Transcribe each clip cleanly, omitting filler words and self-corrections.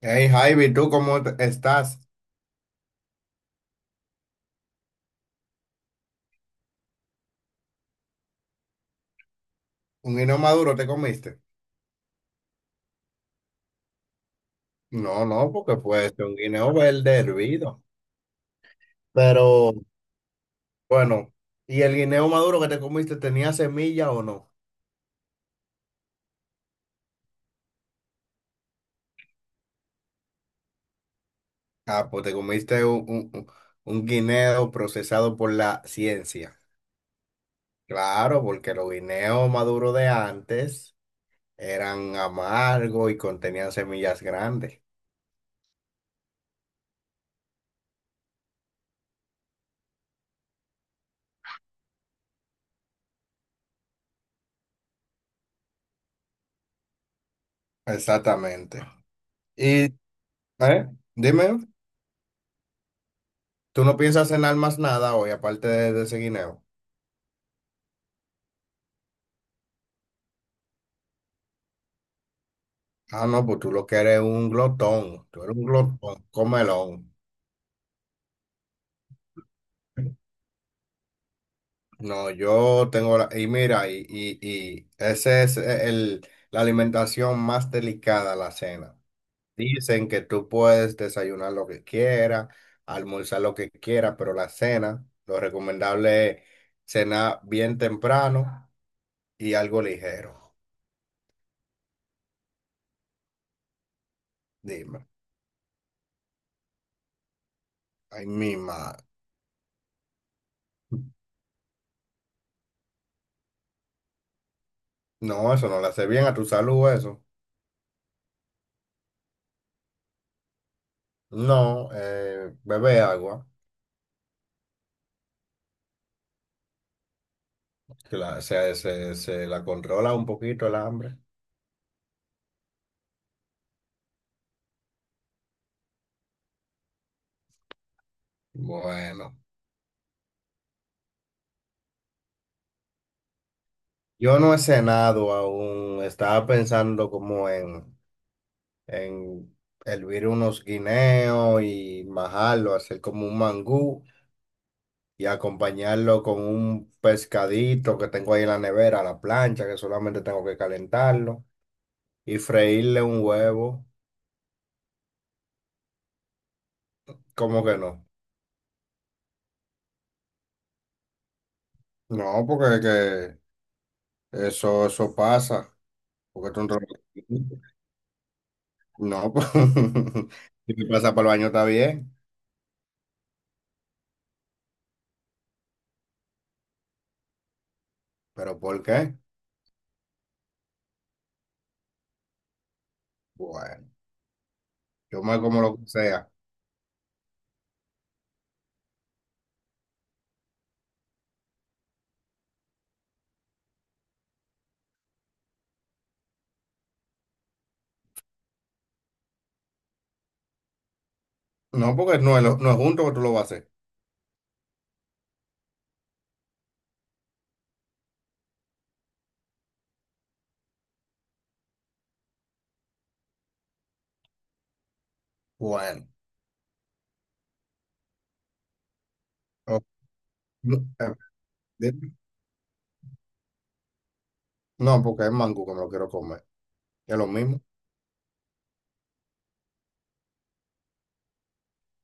Hey Javi, ¿tú cómo estás? ¿Un guineo maduro te comiste? No, no, porque puede ser un guineo verde hervido. Pero bueno, ¿y el guineo maduro que te comiste tenía semilla o no? Ah, pues te comiste un, un guineo procesado por la ciencia. Claro, porque los guineos maduros de antes eran amargos y contenían semillas grandes. Exactamente. Y, ¿eh? Dime, ¿tú no piensas cenar más nada hoy aparte de ese guineo? Ah, no, pues tú lo que eres un glotón, tú eres un glotón, comelón. No, yo tengo la, y mira, y ese es el, la alimentación más delicada, la cena. Dicen que tú puedes desayunar lo que quieras, almorzar lo que quieras, pero la cena, lo recomendable es cenar bien temprano y algo ligero. Dime, ay, mi madre. No, eso no le hace bien a tu salud, eso. No, bebe agua. Se, se la controla un poquito el hambre. Bueno, yo no he cenado aún. Estaba pensando como en hervir unos guineos y majarlo, hacer como un mangú y acompañarlo con un pescadito que tengo ahí en la nevera, a la plancha, que solamente tengo que calentarlo y freírle un huevo. ¿Cómo que no? No, porque que eso pasa. Porque tú no- No, pues, si te pasa por el baño está bien, pero ¿por qué? Bueno, yo me como lo que sea. No, porque no es, no es junto que tú lo vas a hacer. Bueno, o- no, eh, di- no, porque es mango que me lo quiero comer. Es lo mismo.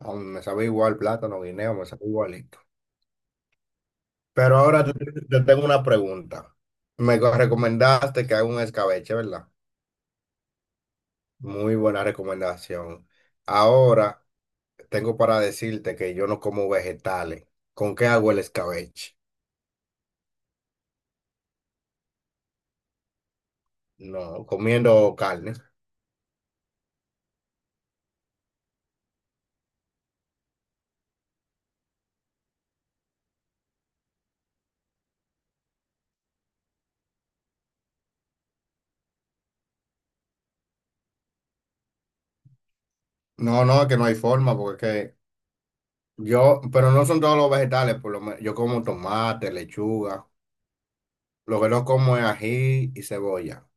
A mí me sabe igual plátano, guineo, me sabe igualito. Pero ahora yo te tengo una pregunta. Recomendaste que haga un escabeche, ¿verdad? Muy buena recomendación. Ahora tengo para decirte que yo no como vegetales. ¿Con qué hago el escabeche? No, comiendo carne. No, no, es que no hay forma, porque es que yo, pero no son todos los vegetales, por lo menos yo como tomate, lechuga. Lo que no como es ají y cebolla.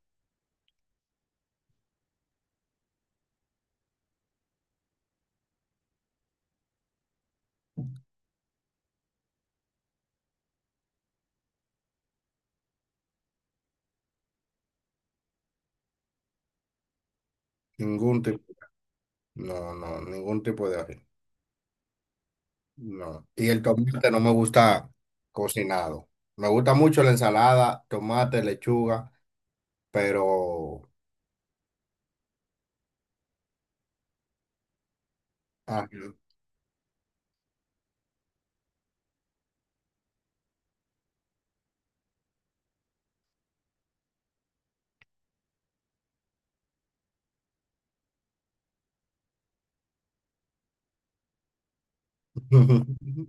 Ningún tipo. No, no, ningún tipo de ají. No. Y el tomate no me gusta cocinado. Me gusta mucho la ensalada, tomate, lechuga, pero... ají.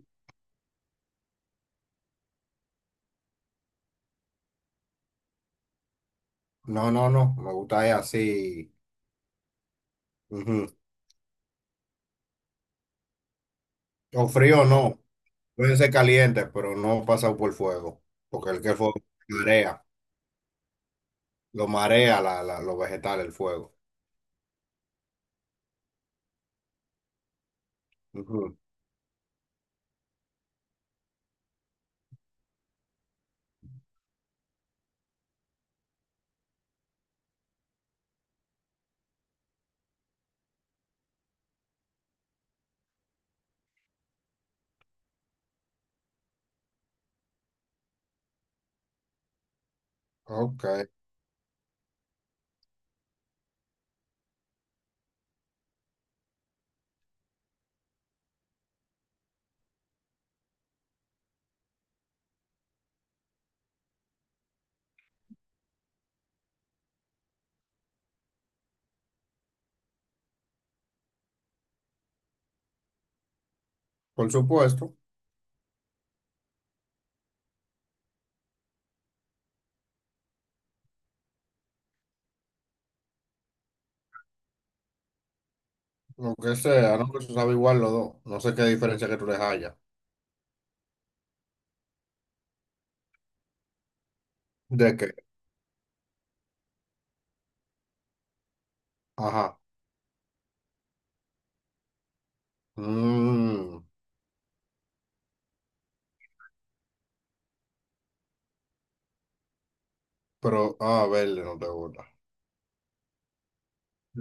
No, no, no, me gusta es así. Ujú. O frío no, pueden ser calientes, pero no pasado por fuego, porque el que fuego marea, lo marea los vegetales, el fuego. Ujú. Ok, por supuesto, lo que sea, no que se sabe igual los dos, no sé qué diferencia que tú les hayas. ¿De qué? Ajá. Mm, pero, ah, verde no te gusta.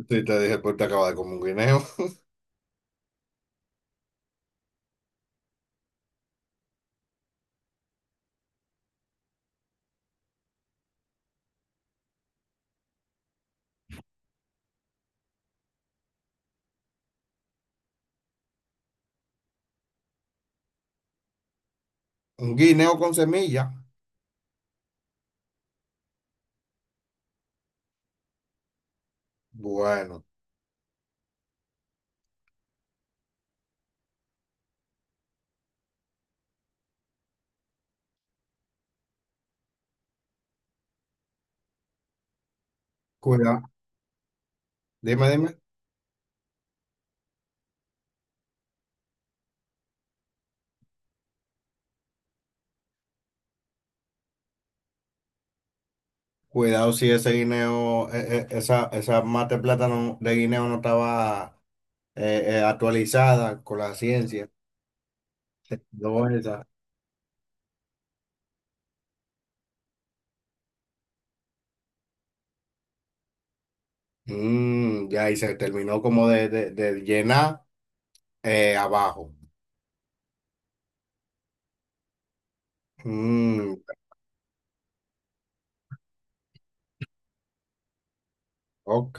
Sí, te dije que te acabas de comer un guineo. Un guineo con semilla. Bueno, cuidado. Dime, dime. Cuidado si ese guineo, esa, esa mate plátano de guineo no estaba actualizada con la ciencia. Se quedó esa. Mm, ya, y se terminó como de, de llenar abajo. Mm, ok.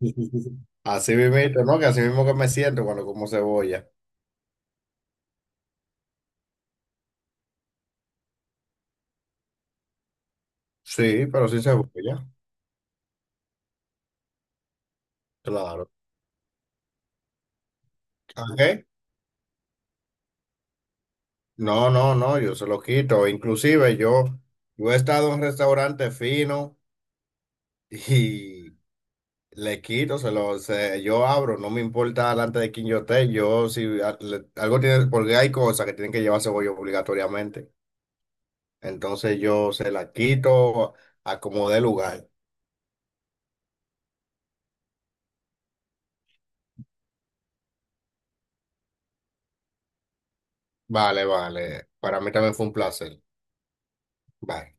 Así mismo, ¿no? Que así mismo que me siento cuando como cebolla. Sí, pero sí cebolla, claro. ¿Qué? No, no, no, yo se lo quito. Inclusive yo, yo he estado en restaurantes finos y le quito, yo abro, no me importa delante de quién yo esté, yo si algo tiene, porque hay cosas que tienen que llevarse bollo obligatoriamente. Entonces yo se la quito, acomodé lugar. Vale, vale. Para mí también fue un placer. Bye.